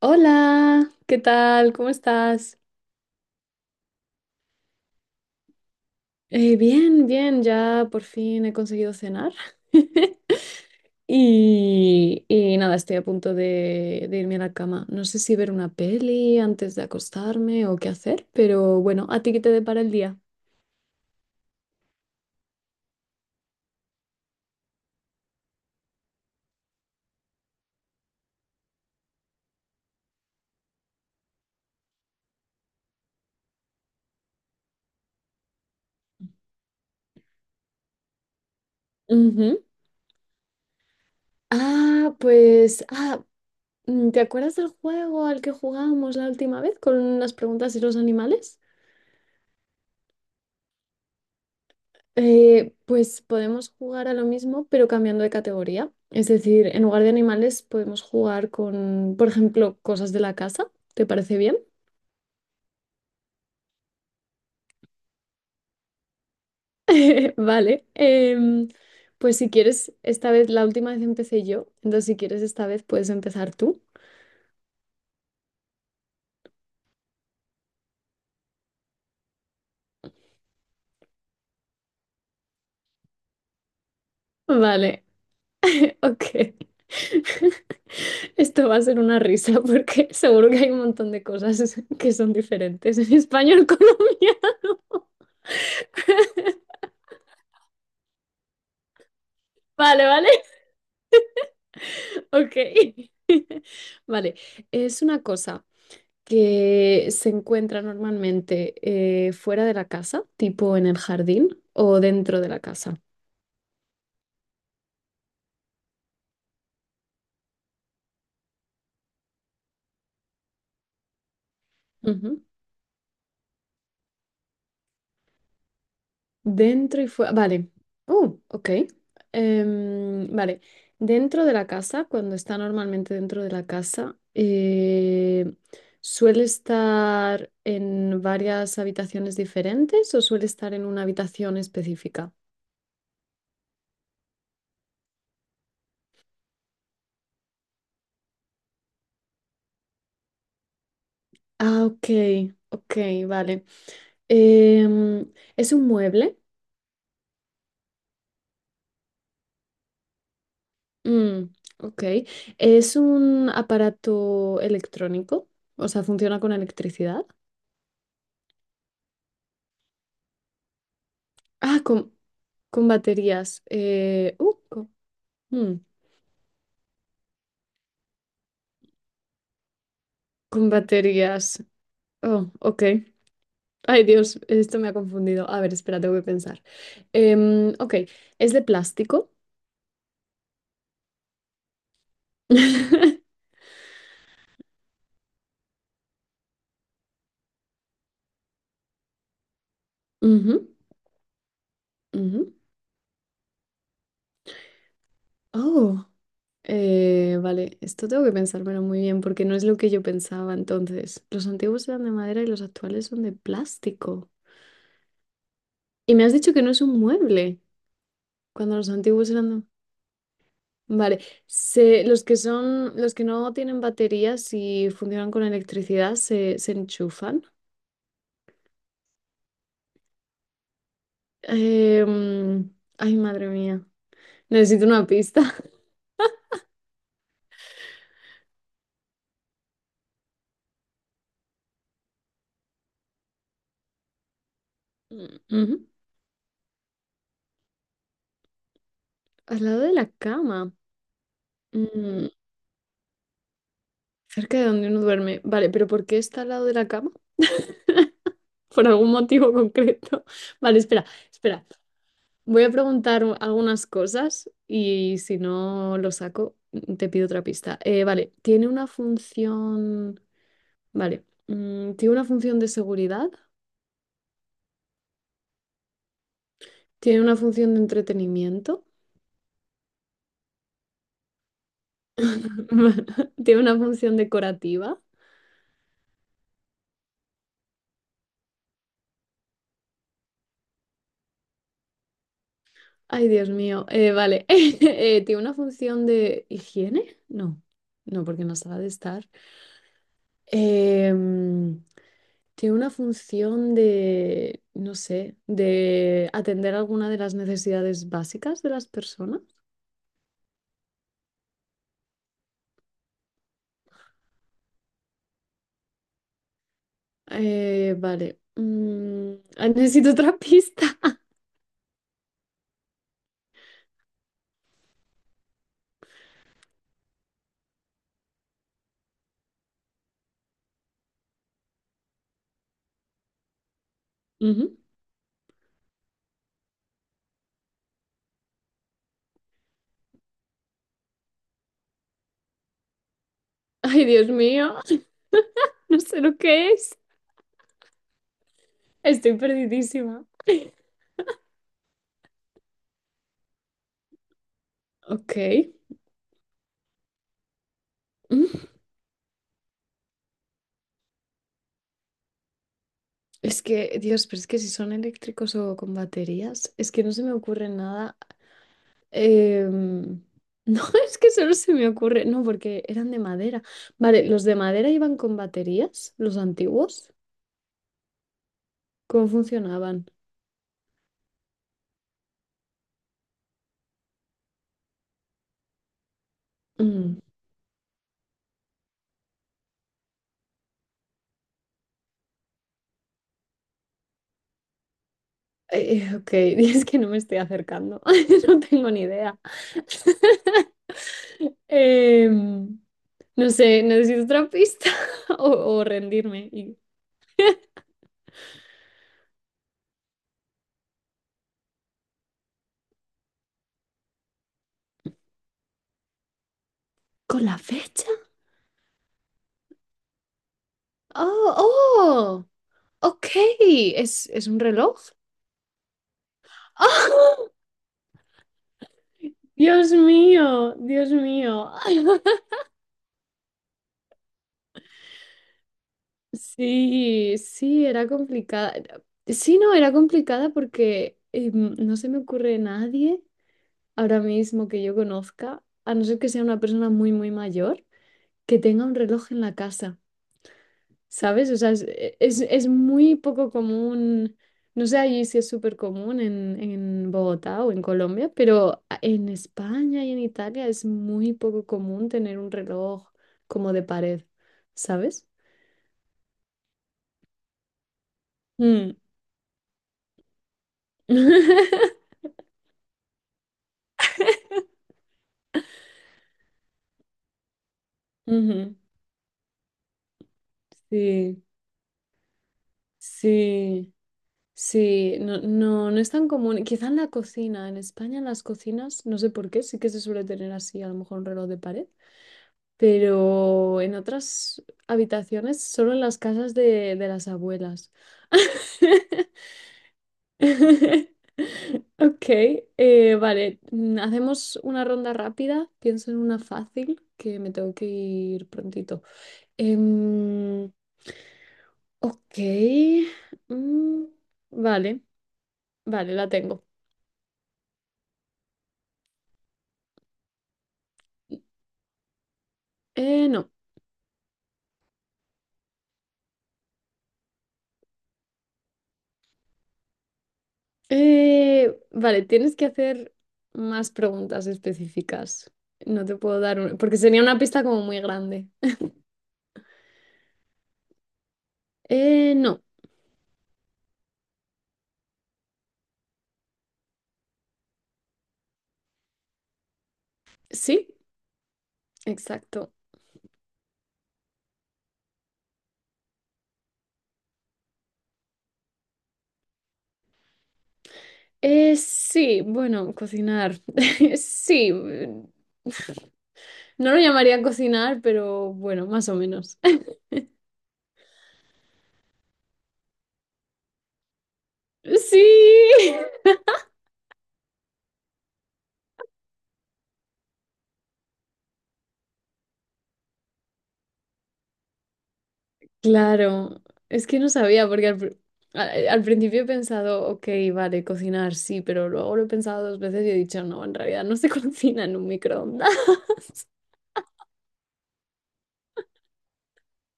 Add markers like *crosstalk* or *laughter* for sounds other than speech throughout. Hola, ¿qué tal? ¿Cómo estás? Bien, bien, ya por fin he conseguido cenar. *laughs* Y nada, estoy a punto de irme a la cama. No sé si ver una peli antes de acostarme o qué hacer, pero bueno, ¿a ti qué te depara el día? Ujú. Ah, pues, ah, ¿te acuerdas del juego al que jugamos la última vez con las preguntas y los animales? Pues podemos jugar a lo mismo, pero cambiando de categoría. Es decir, en lugar de animales podemos jugar con, por ejemplo, cosas de la casa. ¿Te parece bien? *laughs* Vale. Pues si quieres, esta vez, la última vez empecé yo, entonces si quieres esta vez puedes empezar tú. Vale, ok. *laughs* Esto va a ser una risa porque seguro que hay un montón de cosas *laughs* que son diferentes en español colombiano. *laughs* Vale, vale, ok. *laughs* Vale, es una cosa que se encuentra normalmente, fuera de la casa, tipo en el jardín o dentro de la casa. Ujú. Dentro y fuera. Vale. Oh, ok. Vale. Dentro de la casa, cuando está normalmente dentro de la casa, ¿suele estar en varias habitaciones diferentes o suele estar en una habitación específica? Ah, ok, ok, vale. Em, ¿Es un mueble? Mm, ok. ¿Es un aparato electrónico? O sea, ¿funciona con electricidad? Ah, con baterías. Mm, con, baterías. Oh, ok. Ay, Dios, esto me ha confundido. A ver, espera, tengo que pensar. Ok, ¿es de plástico? *laughs* Ujú, ujú. Oh, vale, esto tengo que pensármelo muy bien porque no es lo que yo pensaba entonces. Los antiguos eran de madera y los actuales son de plástico. Y me has dicho que no es un mueble, cuando los antiguos eran... Vale, los que son, los que no tienen baterías y funcionan con electricidad, se enchufan. Em, ay, madre mía. Necesito una pista. *laughs* Ujú. Al lado de la cama. Mm, cerca de donde uno duerme. Vale, pero ¿por qué está al lado de la cama? *laughs* Por algún motivo concreto. *laughs* Vale, espera, espera. Voy a preguntar algunas cosas y si no lo saco, te pido otra pista. Vale, ¿tiene una función... Vale, ¿tiene una función de seguridad? ¿Tiene una función de entretenimiento? *laughs* ¿Tiene una función decorativa? Ay, Dios mío. Vale, *laughs* ¿tiene una función de higiene? No, no, porque no sabe de estar. Em, tiene una función de, no sé, de atender alguna de las necesidades básicas de las personas. Vale. Mm, *laughs* ah, necesito otra pista. *laughs* Ujú. Ay, Dios mío, *laughs* no sé lo que es. Estoy perdidísima. Ok. Mm. Es que, Dios, pero es que si son eléctricos o con baterías, es que no se me ocurre nada. Em, no, *laughs* es que solo se me ocurre. No, porque eran de madera. Vale, ¿los de madera iban con baterías? ¿Los antiguos? ¿Cómo funcionaban? Mm, ok, *laughs* es que no me estoy acercando. *laughs* No tengo ni idea. *laughs* Em, no sé, necesito otra pista *laughs* o, o rendirme. ¿Con la fecha? Oh, oh, ok. Es un reloj? *laughs* ¡Ah! Dios mío, Dios mío. *laughs* Sí, sí, era complicada. Sí, no, era complicada porque no se me ocurre nadie ahora mismo que yo conozca, a no ser que sea una persona muy, muy mayor, que tenga un reloj en la casa, ¿sabes? O sea, es muy poco común, no sé allí si es súper común en Bogotá o en Colombia, pero en España y en Italia es muy poco común tener un reloj como de pared, ¿sabes? Mm. *laughs* Ujú. Sí, sí, sí, no, no, no es tan común. Quizá en la cocina, en España en las cocinas, no sé por qué, sí que se suele tener así, a lo mejor un reloj de pared, pero en otras habitaciones, solo en las casas de las abuelas. *laughs* Ok, vale, hacemos una ronda rápida, pienso en una fácil, que me tengo que ir prontito. Em, ok, mm, vale. Vale, la tengo. No. Vale, tienes que hacer más preguntas específicas. No te puedo dar una, porque sería una pista como muy grande. No. Sí, exacto. Sí, bueno, cocinar. *laughs* Sí. No lo llamaría cocinar, pero bueno, más o menos. *laughs* Sí. Claro, es que no sabía, porque al principio he pensado, ok, vale, cocinar sí, pero luego lo he pensado dos veces y he dicho, no, en realidad no se *laughs* cocina en un microondas. *laughs*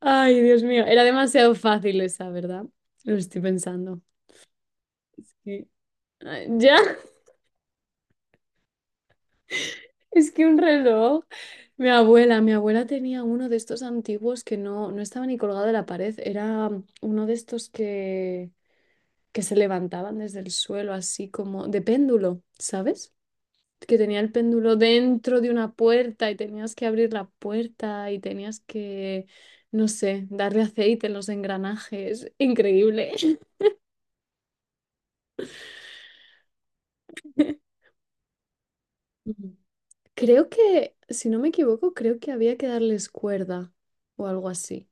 Ay, Dios mío, era demasiado fácil esa, ¿verdad? Lo estoy pensando. Sí. Ay, ya, *laughs* es que un reloj. Mi abuela tenía uno de estos antiguos que no, no estaba ni colgado de la pared, era uno de estos que se levantaban desde el suelo, así como de péndulo, ¿sabes? Que tenía el péndulo dentro de una puerta y tenías que abrir la puerta y tenías que, no sé, darle aceite en los engranajes. Increíble. *laughs* Ujú. Creo que, si no me equivoco, creo que había que darles cuerda o algo así,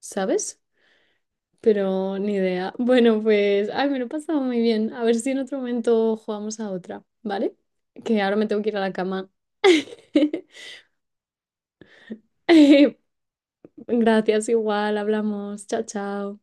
¿sabes? Pero ni idea. Bueno, pues, ay, me lo he pasado muy bien. A ver si en otro momento jugamos a otra, ¿vale? Que ahora me tengo que ir a la cama. *laughs* Gracias, igual, hablamos. Chao, chao.